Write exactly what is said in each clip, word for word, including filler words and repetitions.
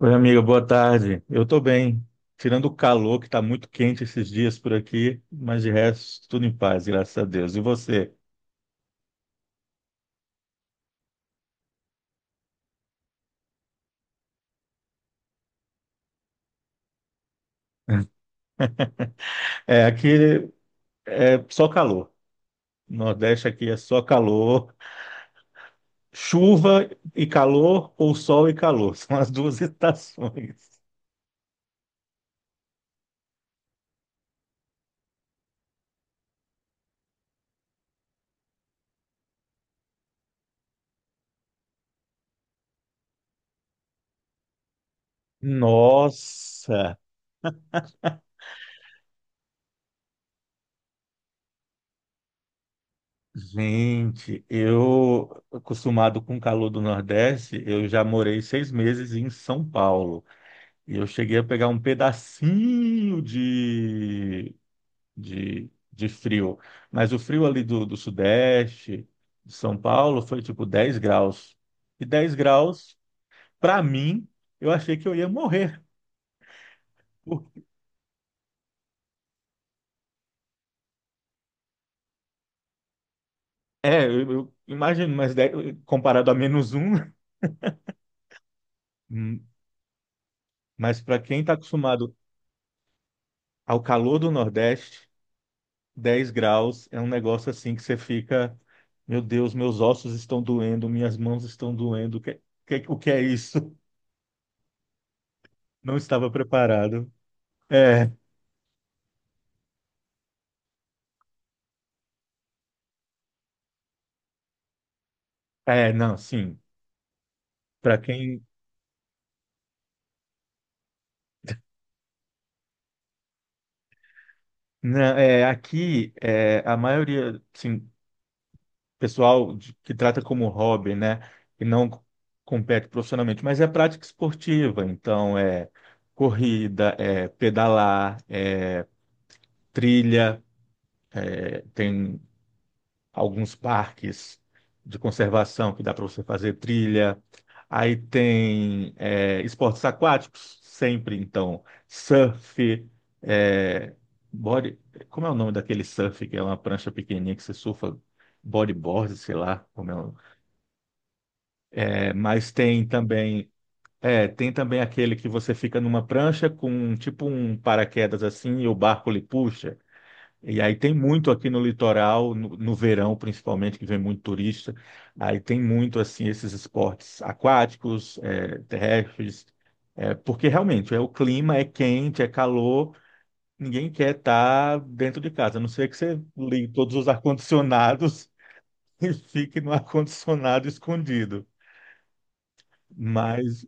Oi, amiga, boa tarde. Eu tô bem. Tirando o calor, que tá muito quente esses dias por aqui, mas de resto, tudo em paz, graças a Deus. E você? É, aqui é só calor. Nordeste aqui é só calor. Chuva e calor, ou sol e calor. São as duas estações. Nossa, gente, eu, acostumado com o calor do Nordeste, eu já morei seis meses em São Paulo. E eu cheguei a pegar um pedacinho de, de, de frio. Mas o frio ali do, do Sudeste, de São Paulo, foi tipo dez graus. E dez graus, para mim, eu achei que eu ia morrer. Por- É, eu, eu imagino, mas dez comparado a menos um. Hum. Mas para quem está acostumado ao calor do Nordeste, dez graus é um negócio assim que você fica, meu Deus, meus ossos estão doendo, minhas mãos estão doendo. O que, que- o que é isso? Não estava preparado. É, é, não, sim. Para quem, não, é, aqui é, a maioria, sim, pessoal de- que trata como hobby, né, e não c- compete profissionalmente, mas é prática esportiva. Então é corrida, é pedalar, é trilha, alguns parques de conservação que dá para você fazer trilha. Aí tem é, esportes aquáticos, sempre então, surf, é, body. Como é o nome daquele surf que é uma prancha pequenininha que você surfa? Bodyboard, sei lá como é. o- É, mas tem também. É, tem também aquele que você fica numa prancha com tipo um paraquedas assim e o barco lhe puxa. E aí tem muito aqui no litoral, no, no verão principalmente, que vem muito turista. Aí tem muito assim esses esportes aquáticos, é, terrestres, é, porque realmente é o clima é quente, é calor, ninguém quer estar dentro de casa. A não ser que você ligue todos os ar-condicionados e fique no ar-condicionado escondido. Mas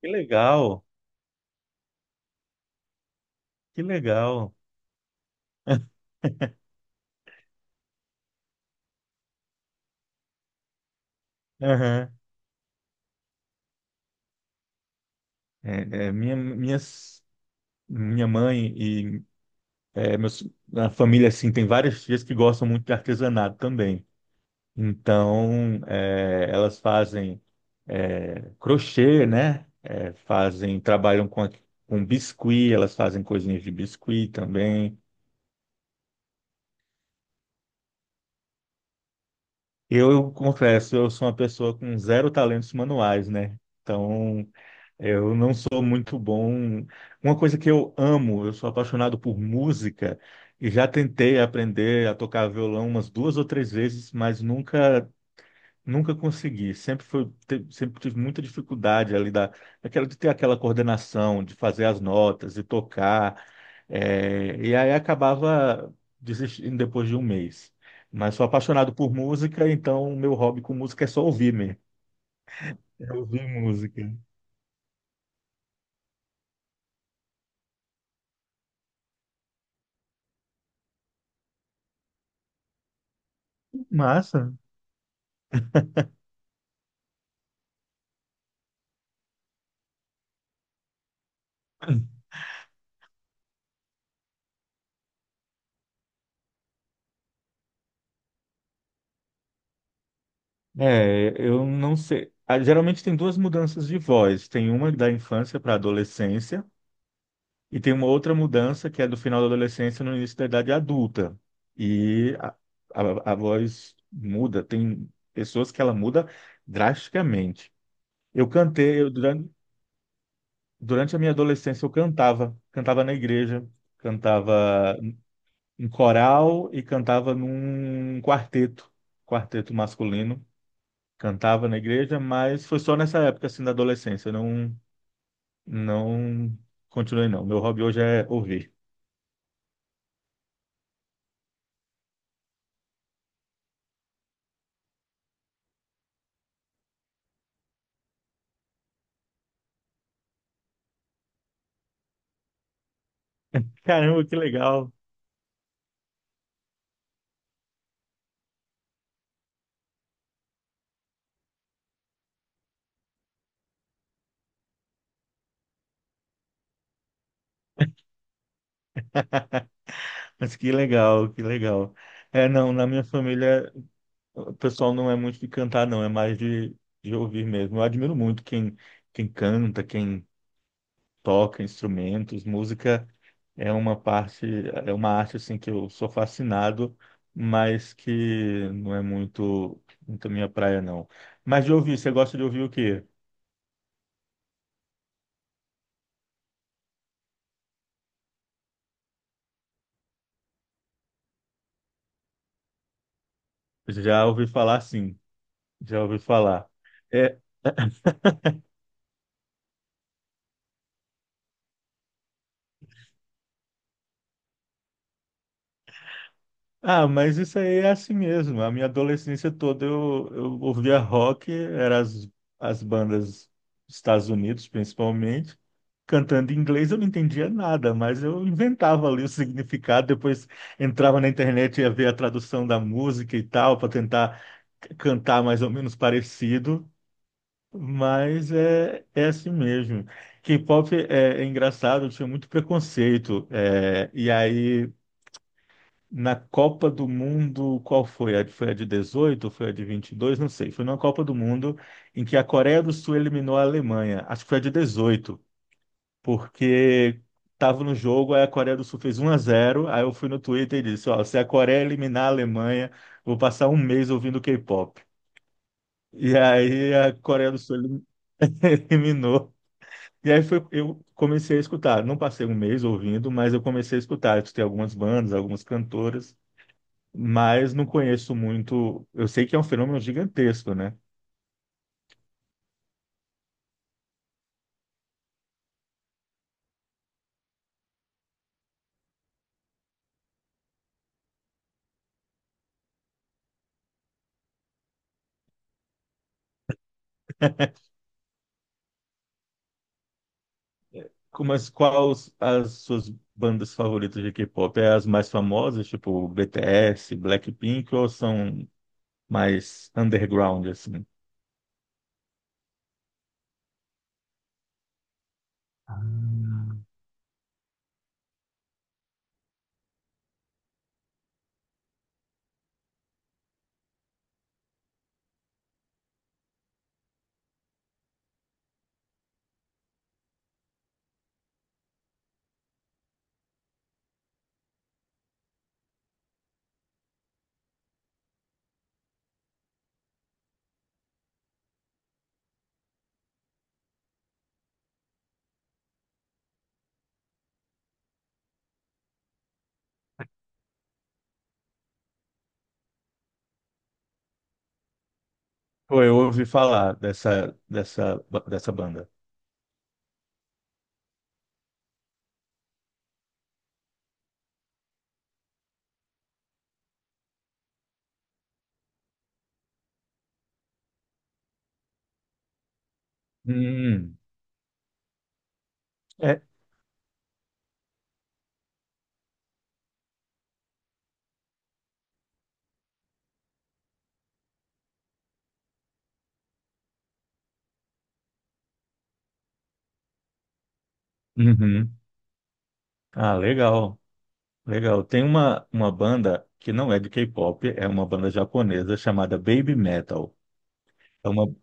que legal, que legal. Aham. É, é, minha, minhas, minha mãe e É, meus, a família, assim, tem várias tias que gostam muito de artesanato também. Então, é, elas fazem é, crochê, né? É, fazem, trabalham com, a- com biscuit, elas fazem coisinhas de biscuit também. Eu, eu confesso, eu sou uma pessoa com zero talentos manuais, né? Então, eu não sou muito bom. Uma coisa que eu amo, eu sou apaixonado por música e já tentei aprender a tocar violão umas duas ou três vezes, mas nunca Nunca consegui, sempre foi, te- sempre tive muita dificuldade ali da, daquela, de ter aquela coordenação, de fazer as notas e tocar, é, e aí acabava desistindo depois de um mês. Mas sou apaixonado por música, então o meu hobby com música é só ouvir mesmo, é ouvir música. Massa. É, eu não sei. Ah, geralmente tem duas mudanças de voz, tem uma da infância para a adolescência, e tem uma outra mudança que é do final da adolescência no início da idade adulta. E a, a, a voz muda, tem pessoas que ela muda drasticamente. Eu cantei, eu, durante, durante a minha adolescência eu cantava, cantava na igreja, cantava em coral e cantava num quarteto, quarteto masculino. Cantava na igreja, mas foi só nessa época assim da adolescência, eu não não continuei não. Meu hobby hoje é ouvir. Caramba, que legal. Mas que legal, que legal. É, não, na minha família o pessoal não é muito de cantar, não, é mais de, de ouvir mesmo. Eu admiro muito quem, quem canta, quem toca instrumentos, música é uma parte, é uma arte assim que eu sou fascinado, mas que não é muito, muito minha praia, não. Mas de ouvir, você gosta de ouvir o quê? Já ouvi falar, sim, já ouvi falar. É, ah, mas isso aí é assim mesmo. A minha adolescência toda eu, eu ouvia rock, eram as, as bandas dos Estados Unidos, principalmente, cantando em inglês. Eu não entendia nada, mas eu inventava ali o significado. Depois entrava na internet e ia ver a tradução da música e tal, para tentar c- cantar mais ou menos parecido. Mas é, é assim mesmo. K-pop é, é engraçado, eu tinha muito preconceito. É, e aí. Na Copa do Mundo, qual foi? A- Foi a de dezoito? Foi a de vinte e dois? Não sei. Foi numa Copa do Mundo em que a Coreia do Sul eliminou a Alemanha. Acho que foi a de dezoito, porque estava no jogo, aí a Coreia do Sul fez um a zero. Aí eu fui no Twitter e disse, ó, se a Coreia eliminar a Alemanha, vou passar um mês ouvindo K-pop. E aí a Coreia do Sul elim- eliminou. E aí foi, eu comecei a escutar. Não passei um mês ouvindo, mas eu comecei a escutar. Eu escutei algumas bandas, algumas cantoras. Mas não conheço muito. Eu sei que é um fenômeno gigantesco, né? Mas quais as suas bandas favoritas de K-pop? É as mais famosas, tipo B T S, Blackpink, ou são mais underground, assim? Ah. Pô, eu ouvi falar dessa, dessa, dessa banda. Hum, é. Uhum. Ah, legal, legal. Tem uma, uma banda que não é de K-pop, é uma banda japonesa chamada Baby Metal. É uma...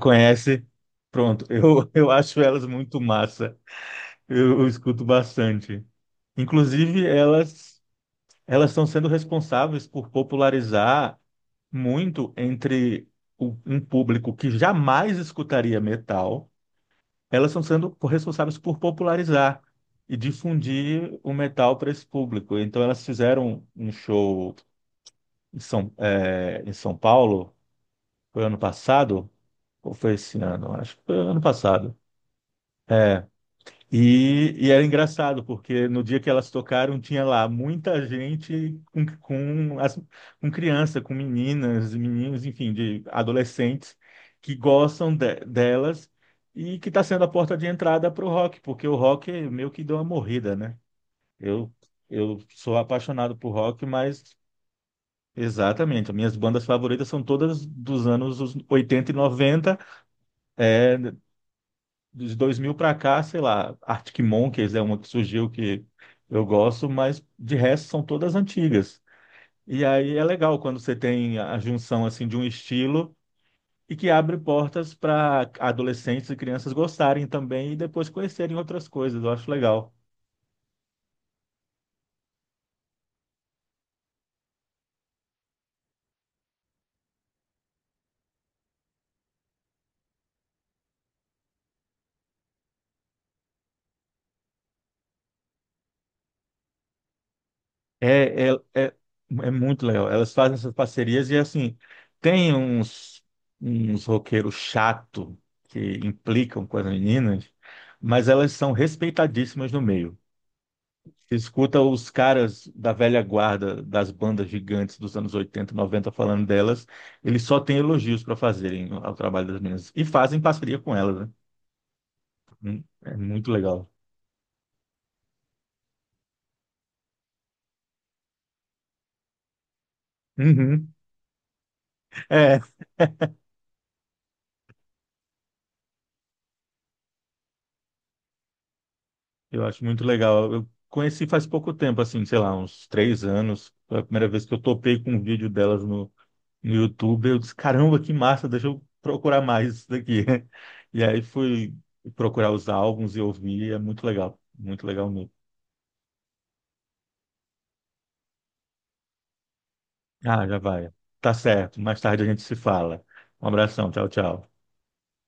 Conhece? Pronto, eu, eu acho elas muito massa. Eu, eu escuto bastante. Inclusive, elas elas estão sendo responsáveis por popularizar muito entre o- um público que jamais escutaria metal. Elas estão sendo responsáveis por popularizar e difundir o metal para esse público. Então, elas fizeram um show em São, eh, em São Paulo, foi ano passado, ou foi esse ano? Acho que foi ano passado. É, e, e era engraçado, porque no dia que elas tocaram, tinha lá muita gente com, com, as, com criança, com meninas, e meninos, enfim, de adolescentes que gostam de- delas e que está sendo a porta de entrada para o rock, porque o rock meio que deu uma morrida, né? Eu, eu sou apaixonado por rock, mas exatamente, as minhas bandas favoritas são todas dos anos oitenta e noventa, de dois mil para cá, sei lá, Arctic Monkeys é uma que surgiu que eu gosto, mas de resto são todas antigas. E aí é legal quando você tem a junção assim de um estilo e que abre portas para adolescentes e crianças gostarem também e depois conhecerem outras coisas. Eu acho legal. É, é, é, é muito legal. Elas fazem essas parcerias e assim tem uns uns roqueiros chato que implicam com as meninas, mas elas são respeitadíssimas no meio. Você escuta os caras da velha guarda das bandas gigantes dos anos oitenta noventa falando delas, eles só têm elogios para fazerem ao trabalho das meninas. E fazem parceria com elas, né? Hum, é muito legal. Uhum. É, eu acho muito legal. Eu conheci faz pouco tempo, assim, sei lá, uns três anos. Foi a primeira vez que eu topei com um vídeo delas no, no YouTube. Eu disse, caramba, que massa, deixa eu procurar mais isso daqui. E aí fui procurar os álbuns e ouvir, é muito legal, muito legal mesmo. Ah, já vai. Tá certo. Mais tarde a gente se fala. Um abração. Tchau, tchau.